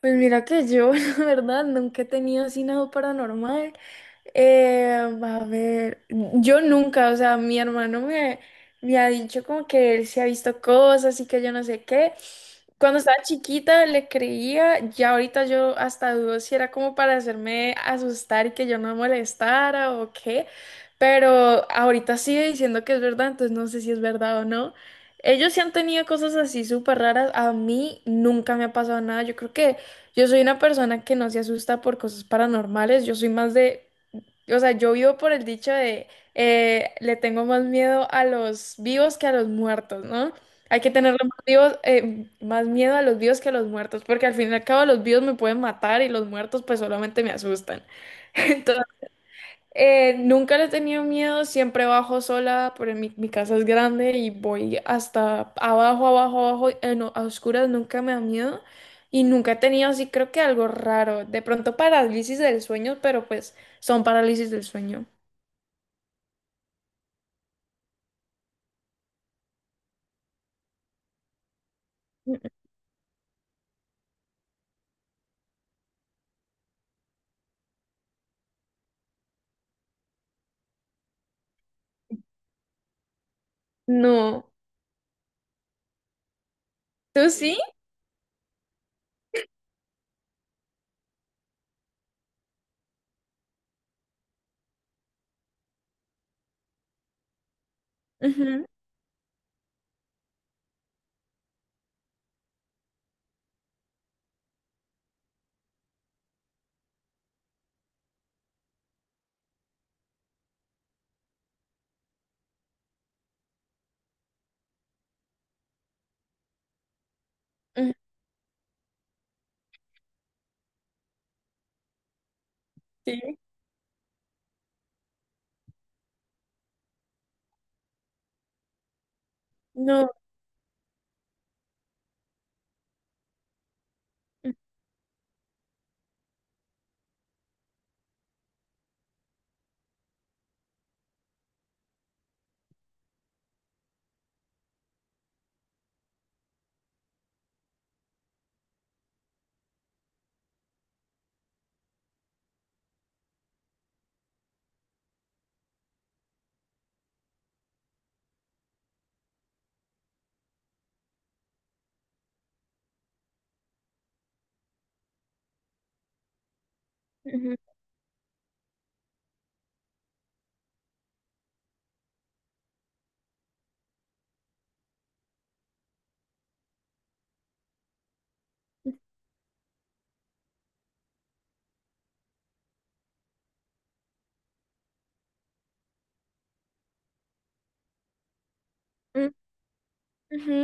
Pues mira que yo, la verdad, nunca he tenido así nada paranormal. Eh, a ver, yo nunca, o sea, mi hermano me ha dicho como que él se ha visto cosas y que yo no sé qué. Cuando estaba chiquita le creía, ya ahorita yo hasta dudo si era como para hacerme asustar y que yo no molestara o qué, pero ahorita sigue diciendo que es verdad, entonces no sé si es verdad o no. Ellos sí han tenido cosas así súper raras, a mí nunca me ha pasado nada, yo creo que... Yo soy una persona que no se asusta por cosas paranormales, yo soy más de, o sea, yo vivo por el dicho de, le tengo más miedo a los vivos que a los muertos, ¿no? Hay que tenerle más vivos, más miedo a los vivos que a los muertos, porque al fin y al cabo los vivos me pueden matar y los muertos pues solamente me asustan. Entonces nunca le he tenido miedo, siempre bajo sola, pero mi casa es grande y voy hasta abajo, abajo, abajo, a oscuras, nunca me da miedo y nunca he tenido así, creo que algo raro, de pronto parálisis del sueño, pero pues son parálisis del sueño. Mm. No. ¿Tú sí? Ujú, ujú. Sí, no. Ujú, ujú, ujú.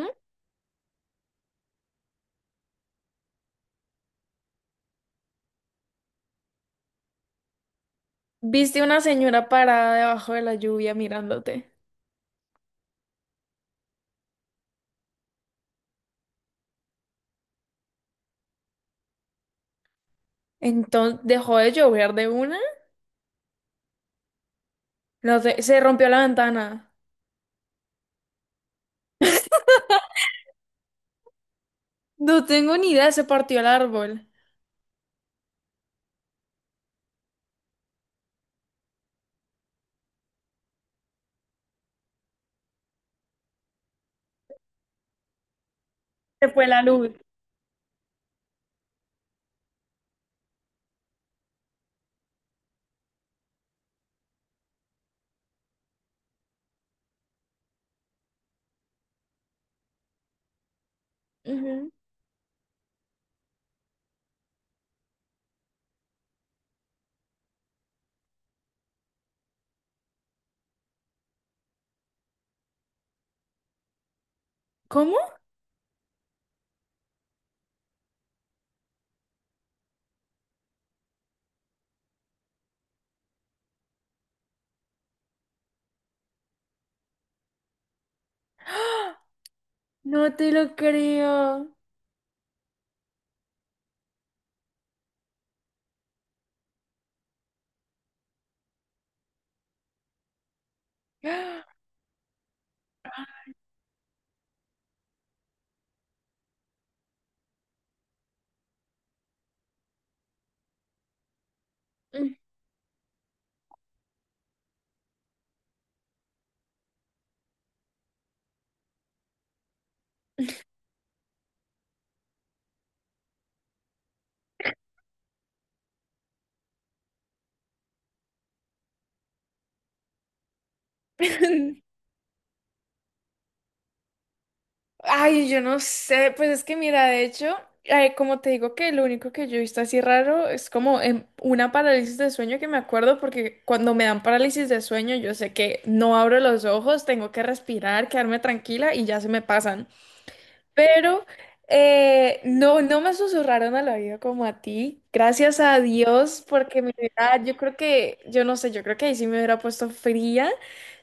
¿Viste una señora parada debajo de la lluvia mirándote, entonces dejó de llover de una? No sé, ¿se rompió la ventana? No tengo ni idea, ¿se partió el árbol? Se fue la luz. Ujú. ¿Cómo? No te lo creo. ¡Ah! Ay, yo no sé, pues es que mira, de hecho, ay, como te digo que lo único que yo he visto así raro es como en una parálisis de sueño que me acuerdo porque cuando me dan parálisis de sueño yo sé que no abro los ojos, tengo que respirar, quedarme tranquila y ya se me pasan. Pero no, no me susurraron al oído como a ti. Gracias a Dios, porque me hubiera- yo creo que, yo no sé, yo creo que ahí sí me hubiera puesto fría,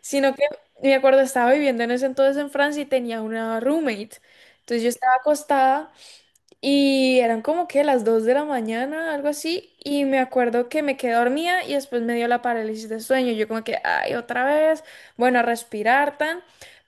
sino que me acuerdo, estaba viviendo en ese entonces en Francia y tenía una roommate. Entonces yo estaba acostada y eran como que las 2 de la mañana, algo así, y me acuerdo que me quedé dormida y después me dio la parálisis de sueño. Yo como que, ay, otra vez, bueno, a respirar tan,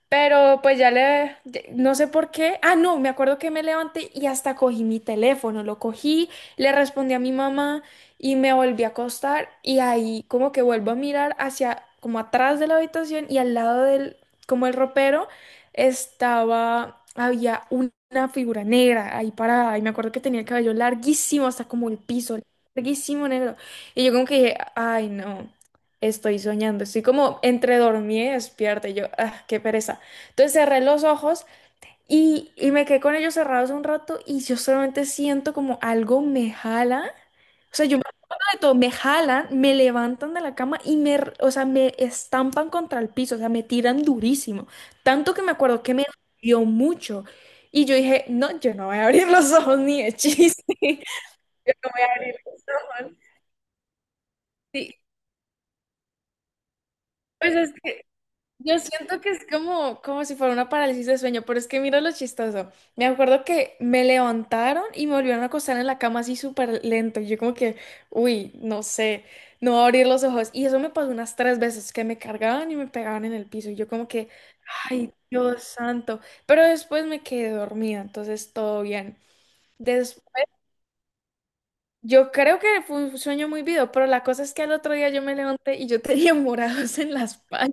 pero pues ya le, ya- no sé por qué. Ah, no, me acuerdo que me levanté y hasta cogí mi teléfono, lo cogí, le respondí a mi mamá y me volví a acostar y ahí como que vuelvo a mirar hacia, como atrás de la habitación y al lado del, como el ropero estaba, había un- una figura negra ahí parada y me acuerdo que tenía el cabello larguísimo hasta como el piso, larguísimo negro. Y yo como que dije, ay no, estoy soñando, estoy como entre dormida y despierta y yo, ah, qué pereza. Entonces cerré los ojos y me quedé con ellos cerrados un rato y yo solamente siento como algo me jala. O sea, yo me acuerdo de todo, me jalan, me levantan de la cama y o sea, me estampan contra el piso, o sea, me tiran durísimo. Tanto que me acuerdo que me dolió mucho. Y yo dije, no, yo no voy a abrir los ojos ni de chiste. Yo no voy a abrir los ojos. Sí, pues es que yo siento que es como, como si fuera una parálisis de sueño, pero es que mira lo chistoso. Me acuerdo que me levantaron y me volvieron a acostar en la cama así súper lento. Y yo como que, uy, no sé, no voy a abrir los ojos. Y eso me pasó unas tres veces, que me cargaban y me pegaban en el piso. Y yo como que, ay, Dios santo. Pero después me quedé dormida, entonces todo bien. Des- yo creo que fue un sueño muy vivo, pero la cosa es que al otro día yo me levanté y yo tenía morados en la espalda.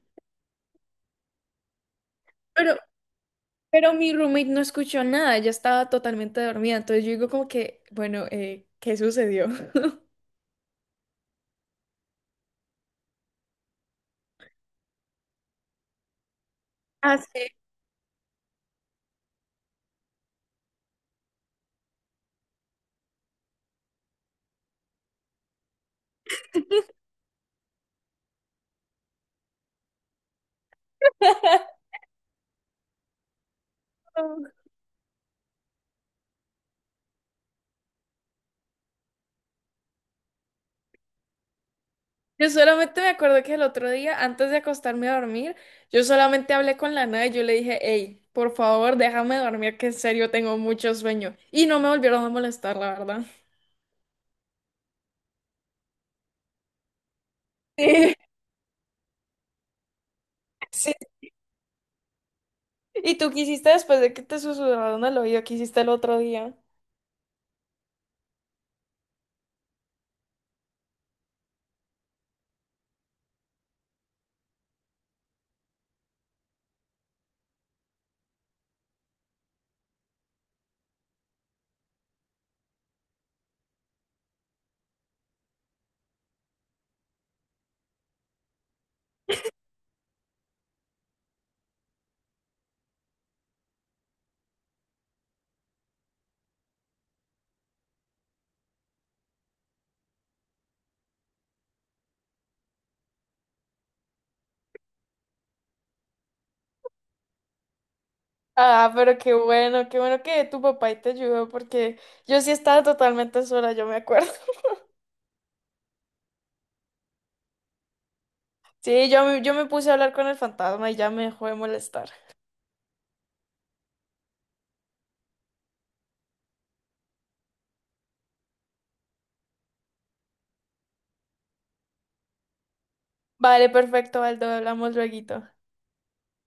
Pero mi roommate no escuchó nada, ella estaba totalmente dormida, entonces yo digo como que, bueno, ¿qué sucedió? Así. como- Yo solamente me acuerdo que el otro día, antes de acostarme a dormir, yo solamente hablé con la nada y yo le dije, hey, por favor, déjame dormir, que en serio tengo mucho sueño. Y no me volvieron a molestar, la verdad. Sí, sí. ¿Y tú qué hiciste después de que te susurraron al oído? ¿Qué hiciste el otro día? Ah, pero qué bueno que tu papá y te ayudó, porque yo sí estaba totalmente sola, yo me acuerdo. Sí, yo, yo me puse a hablar con el fantasma y ya me dejó de molestar. Vale, perfecto, Aldo, hablamos lueguito.